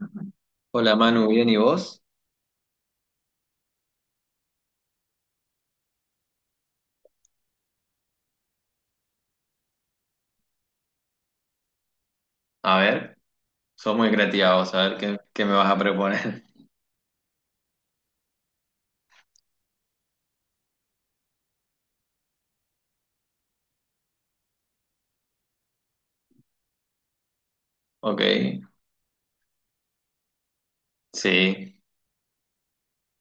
Ajá. Hola Manu, bien, ¿y vos? A ver, sos muy creativa vos, a ver qué me vas a proponer. Ok, sí,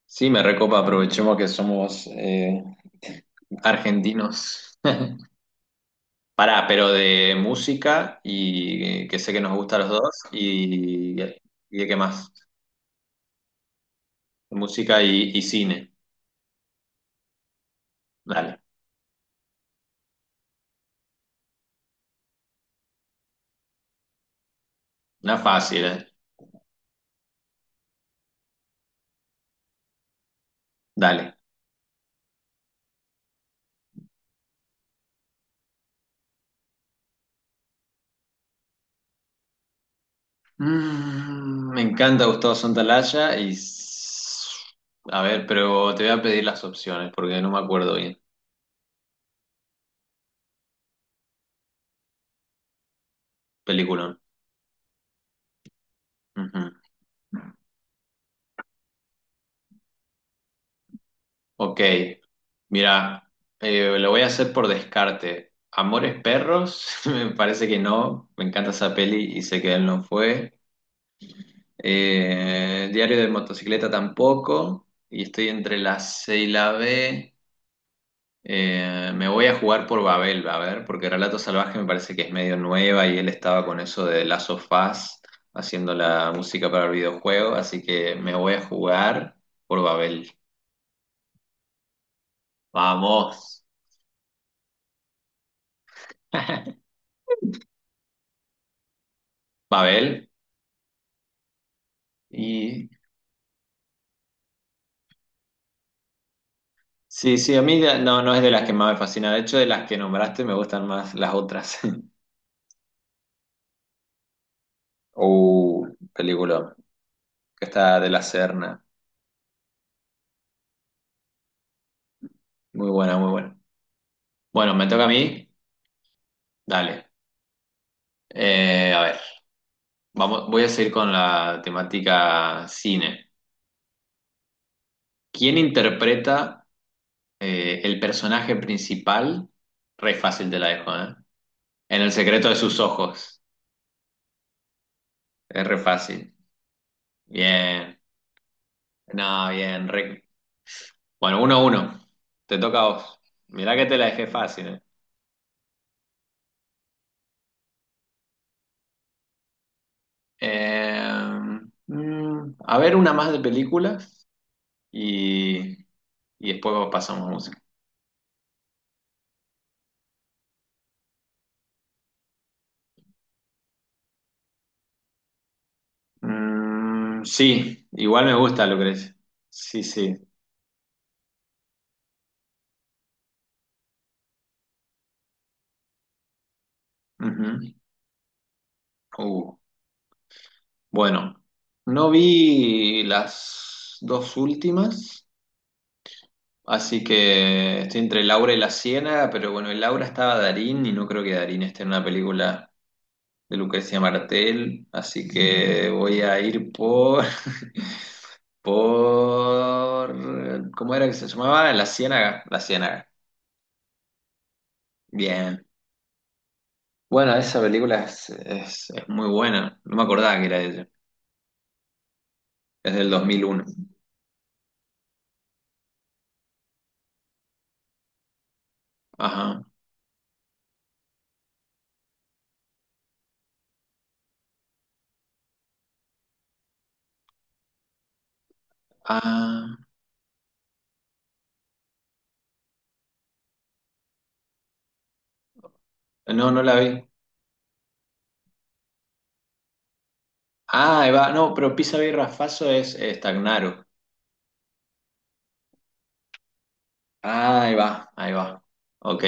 sí, me recopa, aprovechemos que somos argentinos. Pará, pero de música y que sé que nos gusta a los dos y de qué más. Música y cine. Dale, una fácil, ¿eh? Dale. Me encanta Gustavo Santaolalla y... A ver, pero te voy a pedir las opciones porque no me acuerdo bien. Peliculón. Ujú. Ok, mira, lo voy a hacer por descarte. Amores Perros, me parece que no. Me encanta esa peli y sé que él no fue. Diario de Motocicleta tampoco. Y estoy entre la C y la B. Me voy a jugar por Babel, a ver, porque Relato Salvaje me parece que es medio nueva y él estaba con eso de las sofás haciendo la música para el videojuego, así que me voy a jugar por Babel. Vamos. Babel. Y sí, sí, a mí no, no es de las que más me fascina. De hecho, de las que nombraste me gustan más las otras. Uh, película. Que está de la Serna. Muy buena, muy buena. Bueno, me toca a mí. Dale. A ver. Vamos, voy a seguir con la temática cine. ¿Quién interpreta el personaje principal? Re fácil te la dejo, ¿eh? En el secreto de sus ojos. Es re fácil. Bien. No, bien. Bueno, uno a uno. Te toca a vos. Mirá que te la dejé fácil, ¿eh? Eh, a ver, una más de películas y, y después pasamos a música. Sí, igual me gusta, Lucrecia. Sí, sí. Ujú. Uh, bueno, no vi las dos últimas, así que estoy entre Laura y La Ciénaga, pero bueno, en Laura estaba Darín y no creo que Darín esté en una película de Lucrecia Martel, así que voy a ir por, ¿cómo era que se llamaba? La Ciénaga. Bien. Bueno, esa película es muy buena, no me acordaba que era de ella, es del 2001. Ajá. Ah, no, no la vi. Ah, ahí va. No, pero pisa y faso es estagnaro. Ah, ahí va, ahí va. Ok,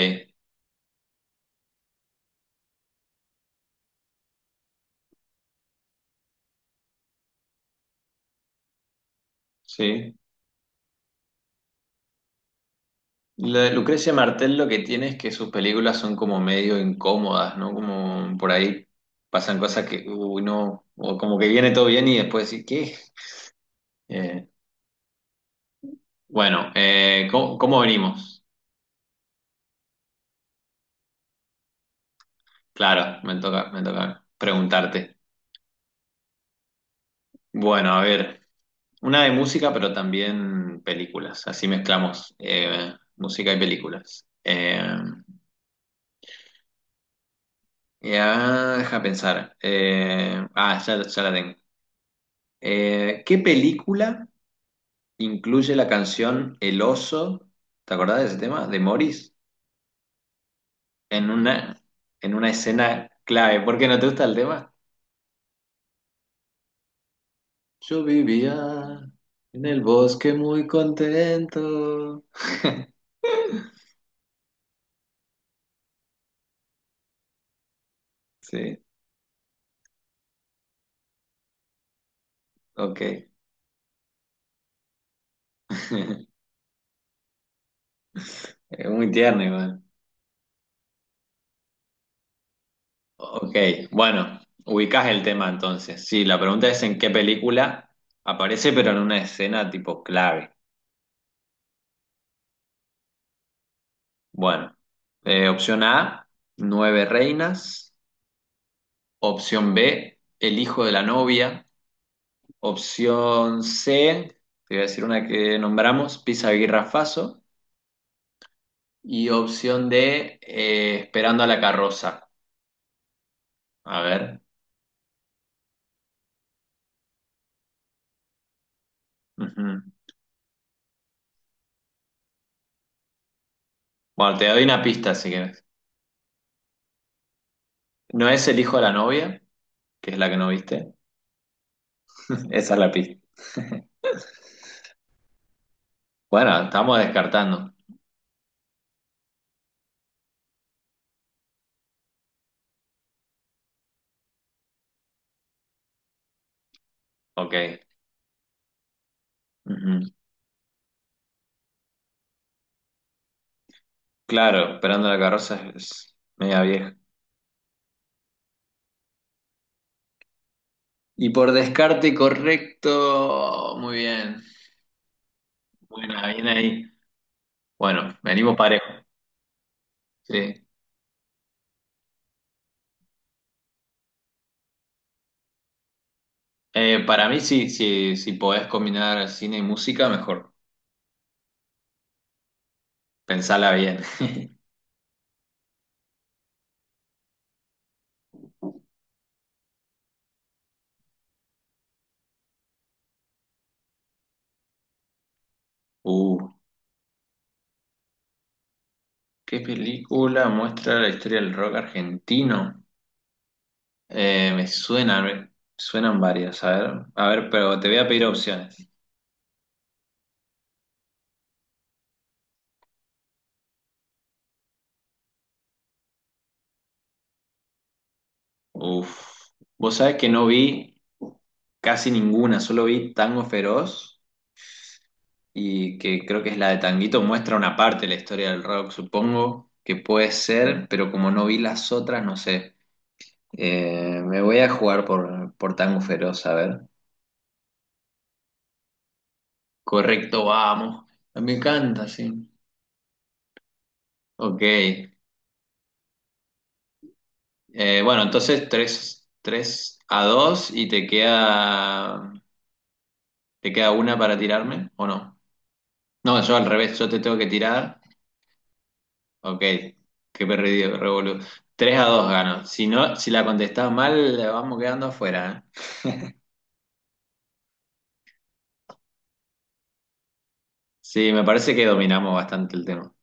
sí. Lo de Lucrecia Martel lo que tiene es que sus películas son como medio incómodas, ¿no? Como por ahí pasan cosas que, uy, no, o como que viene todo bien y después decís, ¿qué? Bueno, ¿cómo, cómo venimos? Claro, me toca preguntarte. Bueno, a ver, una de música, pero también películas, así mezclamos música y películas. Ya, deja pensar. Ya la tengo. ¿Qué película incluye la canción El oso? ¿Te acordás de ese tema? De Morris. En una, en una escena clave. ¿Por qué no te gusta el tema? Yo vivía en el bosque muy contento. Sí, ok. Es muy tierno igual. Ok, bueno, ubicás el tema entonces. Sí, la pregunta es en qué película aparece, pero en una escena tipo clave. Bueno, opción A, nueve reinas. Opción B, el hijo de la novia. Opción C, te voy a decir una que nombramos, Pisa Aguirre Faso. Y opción D, esperando a la carroza. A ver. Ujú. Bueno, te doy una pista si quieres. No es el hijo de la novia, que es la que no viste. Esa es la pista. Bueno, estamos descartando. Ok. Ujú. Claro, esperando a la carroza es media vieja. Y por descarte correcto, muy bien. Bueno, bien ahí. Bueno, venimos parejo. Sí. Para mí sí, sí, si podés combinar cine y música, mejor. Pensala bien. Uh, ¿qué película muestra la historia del rock argentino? Me suenan varias. A ver, pero te voy a pedir opciones. Uf. Vos sabés que no vi casi ninguna, solo vi Tango Feroz y que creo que es la de Tanguito, muestra una parte de la historia del rock, supongo que puede ser, pero como no vi las otras, no sé. Me voy a jugar por Tango Feroz, a ver. Correcto, vamos. Me encanta, sí. Ok. Bueno, entonces tres a 2 y te queda una para tirarme, ¿o no? No, yo al revés, yo te tengo que tirar. Ok, qué perdido, revolú. 3 a 2 gano. Si no, si la contestás mal, vamos quedando afuera, ¿eh? Sí, me parece que dominamos bastante el tema.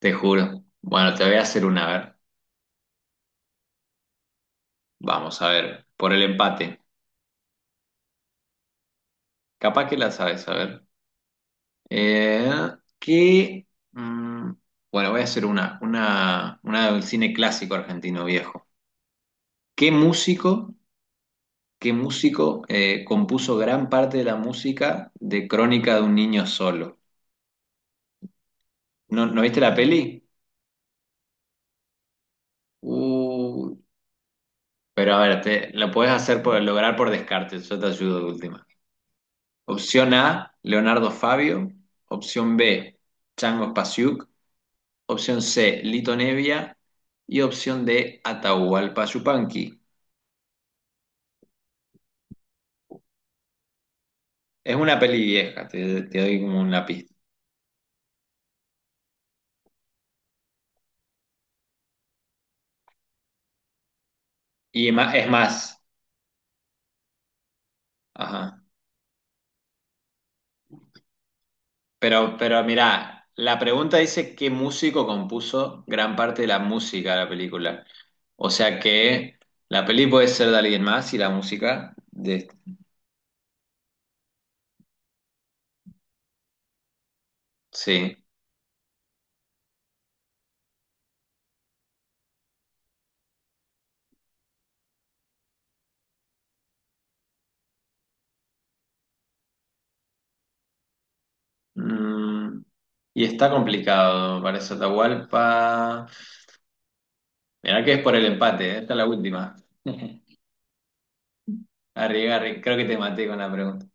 Te juro. Bueno, te voy a hacer una, a ver. Vamos a ver. Por el empate. Capaz que la sabes, a ver. Eh, ¿qué? mm, bueno, voy a hacer una del cine clásico argentino viejo. ¿Qué músico, ¿qué músico compuso gran parte de la música de Crónica de un niño solo? ¿No, no viste la peli? Uh, pero a ver, lo puedes hacer lograr por descarte, yo te ayudo de última. Opción A, Leonardo Fabio. Opción B, Chango Spasiuk. Opción C, Lito Nevia. Y opción D, Atahualpa Yupanqui. Es una peli vieja, te doy como una pista. Es más, ajá. Pero mira, la pregunta dice qué músico compuso gran parte de la música de la película. O sea que la peli puede ser de alguien más y la música de... Sí. Mm, y está complicado para eso, Atahualpa. Mirá que es por el empate, ¿eh? Esta es la última. Arri, creo que te maté con la pregunta.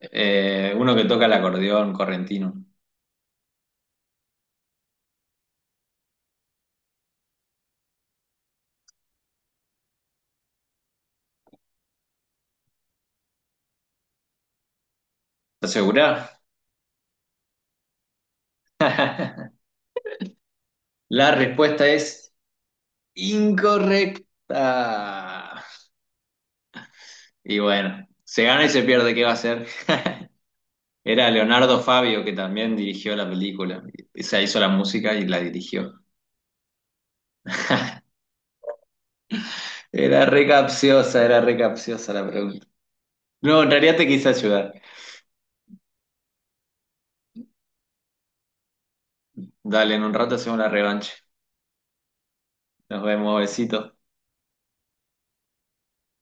Uno que toca el acordeón correntino. ¿Estás segura? La respuesta es incorrecta. Y bueno, se gana y se pierde, ¿qué va a hacer? Era Leonardo Fabio que también dirigió la película. O sea, hizo la música y la dirigió. Era re capciosa la pregunta. No, en realidad te quise ayudar. Dale, en un rato hacemos la revancha. Nos vemos, besito